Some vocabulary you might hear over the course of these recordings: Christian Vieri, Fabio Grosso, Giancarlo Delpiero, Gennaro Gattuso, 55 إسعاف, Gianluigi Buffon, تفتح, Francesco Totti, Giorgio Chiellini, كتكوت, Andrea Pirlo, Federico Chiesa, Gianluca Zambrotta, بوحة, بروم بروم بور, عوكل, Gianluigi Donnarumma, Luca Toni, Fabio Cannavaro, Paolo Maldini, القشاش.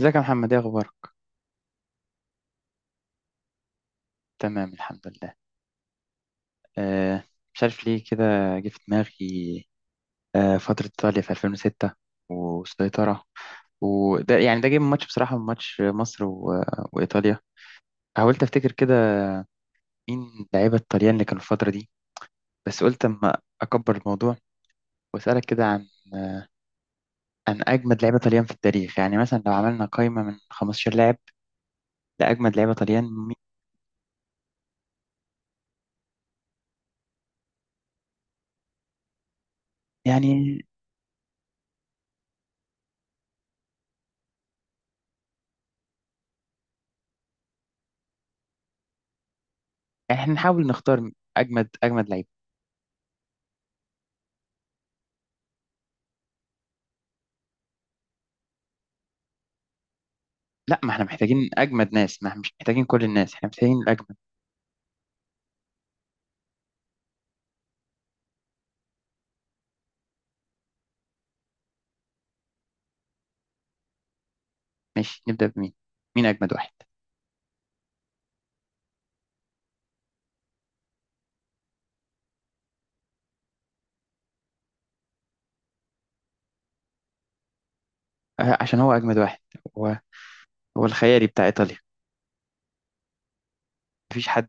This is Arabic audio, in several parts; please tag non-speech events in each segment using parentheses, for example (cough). ازيك يا محمد؟ ايه اخبارك؟ تمام، الحمد لله. آه، مش عارف ليه كده، جه في دماغي آه فترة ايطاليا في 2006 والسيطرة. وده يعني ده جه من ماتش، بصراحة، من ماتش مصر وايطاليا. حاولت افتكر كده مين لعيبة الطليان اللي كانوا في الفترة دي، بس قلت اما اكبر الموضوع واسألك كده عن اجمد لعيبة طليان في التاريخ. يعني مثلا لو عملنا قائمة من 15 لاعب لاجمد لعيبة طليان، يعني احنا نحاول نختار اجمد لعيبة. لا، ما احنا محتاجين اجمد ناس، ما احنا مش محتاجين كل الناس، احنا محتاجين الاجمد. ماشي، نبدا بمين؟ مين اجمد واحد؟ عشان هو اجمد واحد. هو هو الخيالي بتاع ايطاليا. مفيش حد،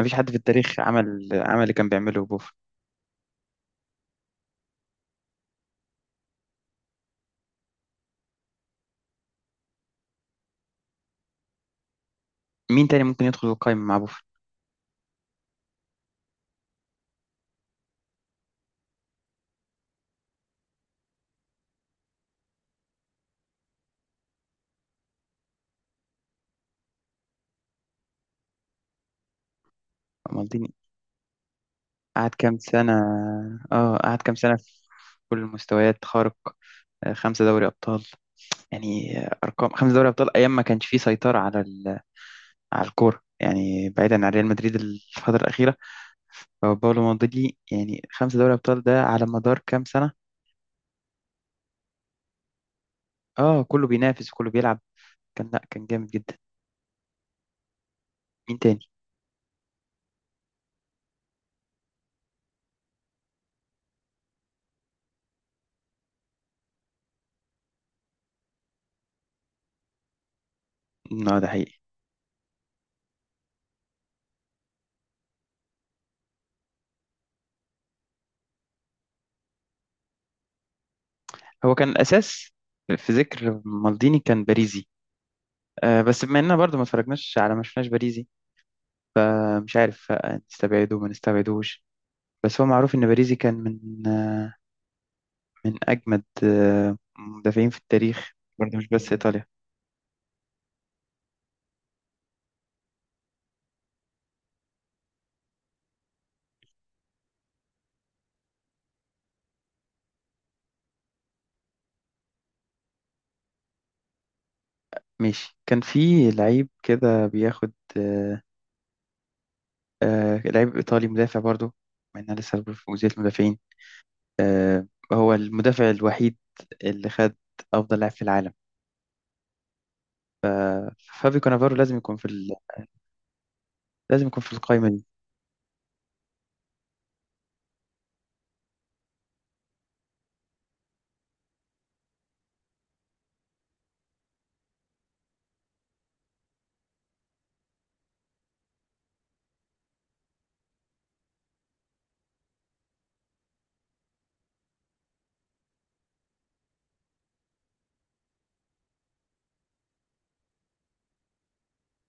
مفيش حد في التاريخ عمل اللي كان بيعمله بوفون. مين تاني ممكن يدخل القائمه مع بوفون؟ مالديني، قعد كام سنه؟ اه قعد كام سنه في كل المستويات، خارق. خمسة دوري أبطال. يعني أرقام، خمسة دوري أبطال أيام ما كانش فيه سيطرة على على الكورة يعني، بعيدا عن ريال مدريد الفترة الأخيرة. هو باولو مالديني يعني، خمسة دوري أبطال ده على مدار كام سنة؟ اه كله بينافس وكله بيلعب، كان لا كان جامد جدا. مين تاني؟ اه ده حقيقي. هو كان الأساس في ذكر مالديني، كان باريزي. آه بس بما إننا برضه ما اتفرجناش على ما شفناش باريزي. آه، مش عارف نستبعده ما نستبعدوش، بس هو معروف إن باريزي كان من أجمد آه مدافعين في التاريخ، برضه مش بس إيطاليا. ماشي، كان في لعيب كده بياخد، آه، آه لعيب إيطالي مدافع برضو، مع إنها لسه في جزئية المدافعين، آه، هو المدافع الوحيد اللي خد أفضل لاعب في العالم، فابي كانافارو، لازم يكون في لازم يكون في القائمة دي.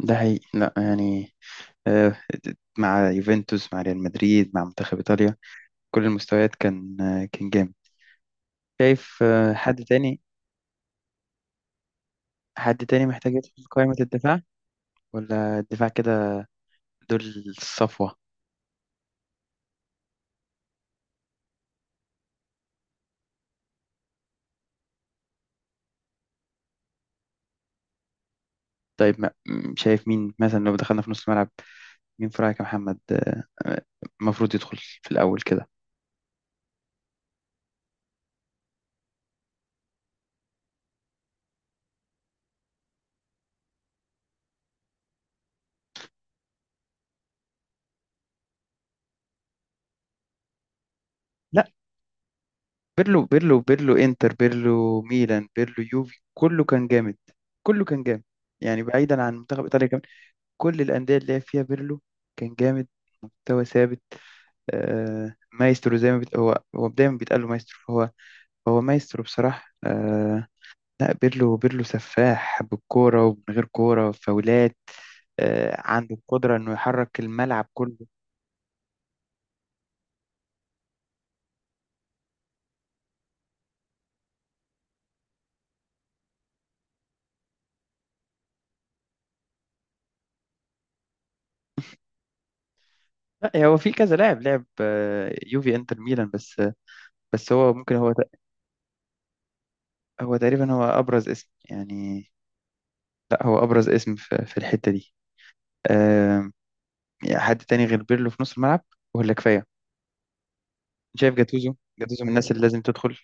ده حقيقي، لا يعني، آه، مع يوفنتوس مع ريال مدريد مع منتخب إيطاليا، كل المستويات كان آه كان جامد. شايف آه حد تاني؟ حد تاني محتاج يدخل في قائمة الدفاع؟ ولا الدفاع كده دول الصفوة؟ طيب، شايف مين مثلا لو دخلنا في نص الملعب؟ مين في رأيك يا محمد المفروض يدخل في الأول كده؟ لا، بيرلو، بيرلو انتر، بيرلو ميلان، بيرلو يوفي، كله كان جامد، كله كان جامد. يعني بعيدا عن منتخب إيطاليا كمان، كل الأندية اللي لعب فيها بيرلو كان جامد، مستوى ثابت. آه مايسترو زي ما بت... هو دايما بيتقال له مايسترو، فهو هو مايسترو بصراحة، آه. لا بيرلو، بيرلو سفاح بالكورة ومن غير كورة فاولات، آه، عنده القدرة إنه يحرك الملعب كله. لا هو في كذا لاعب لعب يوفي انتر ميلان، بس بس هو ممكن هو تقريبا هو ابرز اسم يعني. لا هو ابرز اسم في الحتة دي. آم، يعني حد تاني غير بيرلو في نص الملعب، ولا كفاية؟ شايف جاتوزو؟ جاتوزو من الناس اللي لازم تدخل.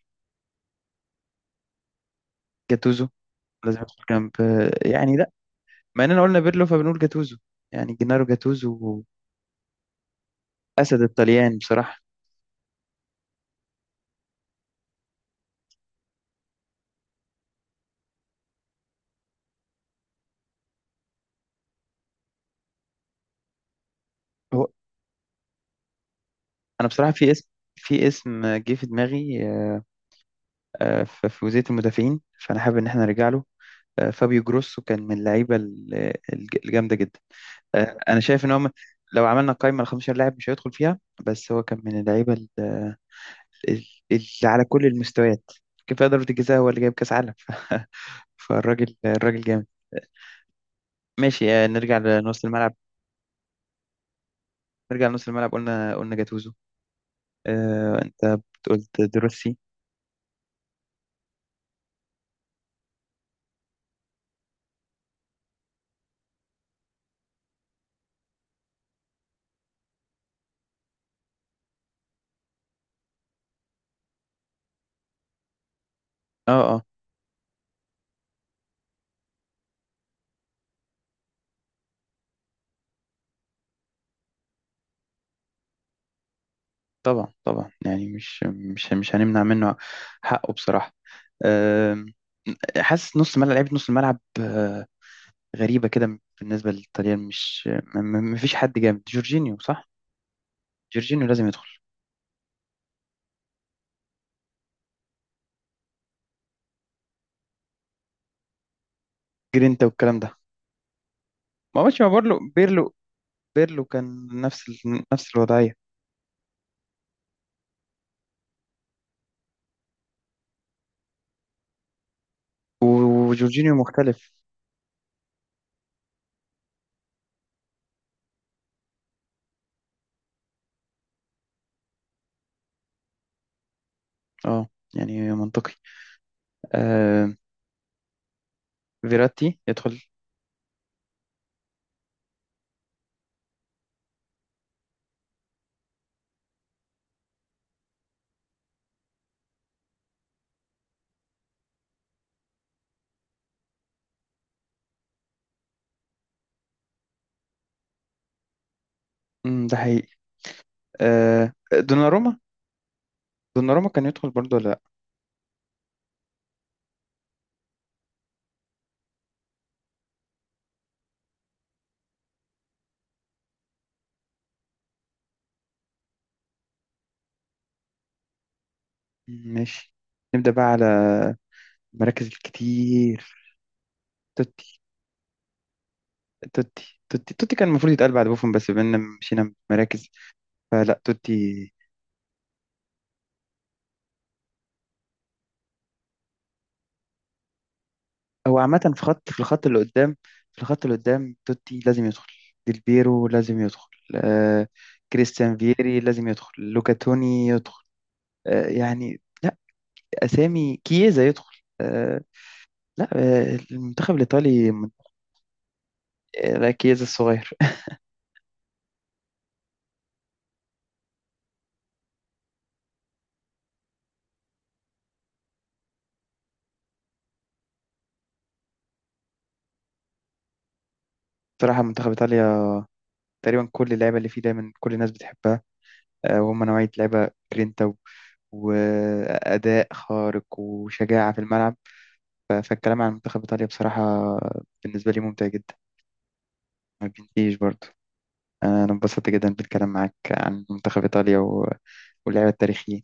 جاتوزو لازم يدخل جنب يعني لا، ما اننا قلنا بيرلو فبنقول جاتوزو، يعني جنارو جاتوزو، اسد الطليان بصراحة. هو انا بصراحة في اسم، في اسم جه في دماغي في وزية المدافعين، فانا حابب ان احنا نرجع له. فابيو جروسو كان من اللعيبه الجامده جدا. انا شايف ان لو عملنا قائمه ل 15 لاعب مش هيدخل فيها، بس هو كان من اللعيبه اللي على كل المستويات. كفايه ضربه الجزاء، هو اللي جايب كاس عالم (laughs) فالراجل، الراجل جامد. ماشي نرجع لنص الملعب، نرجع لنص الملعب. قلنا جاتوزو انت قلت دروسي. اه اه، طبعا طبعا، يعني مش هنمنع منه حقه بصراحه. آم، حاسس نص ملعب لعيبه نص الملعب غريبة كده بالنسبة للطليان، مش ما فيش حد جامد. جورجينيو صح، جورجينيو لازم يدخل، جرينتا والكلام ده. ما عملش مع بيرلو. بيرلو، بيرلو كان نفس نفس الوضعية، وجورجينيو مختلف. اه يعني منطقي. آه، فيراتي يدخل. ده حقيقي. آه دوناروما، دوناروما كان يدخل برضه ولا لا؟ ماشي. نبدأ بقى على المراكز الكتير، توتي. توتي كان المفروض يتقال بعد بوفون، بس بما إننا مشينا مراكز، فلا توتي. هو عامة في خط، في الخط اللي قدام، في الخط اللي قدام توتي لازم يدخل، ديلبيرو لازم يدخل، آه، كريستيان فييري لازم يدخل، لوكا توني يدخل، آه يعني لا، أسامي كييزا يدخل آه، لا آه المنتخب الإيطالي لا كييزا الصغير (laughs) بصراحة منتخب إيطاليا تقريبا كل اللعيبة اللي فيه دايما كل الناس بتحبها، آه، وهم نوعية لعيبة جرينتا وأداء خارق وشجاعة في الملعب. فالكلام عن منتخب إيطاليا بصراحة بالنسبة لي ممتع جدا، ما بينتهيش برضه. انا انبسطت جدا بالكلام معاك عن منتخب ايطاليا واللعب التاريخي.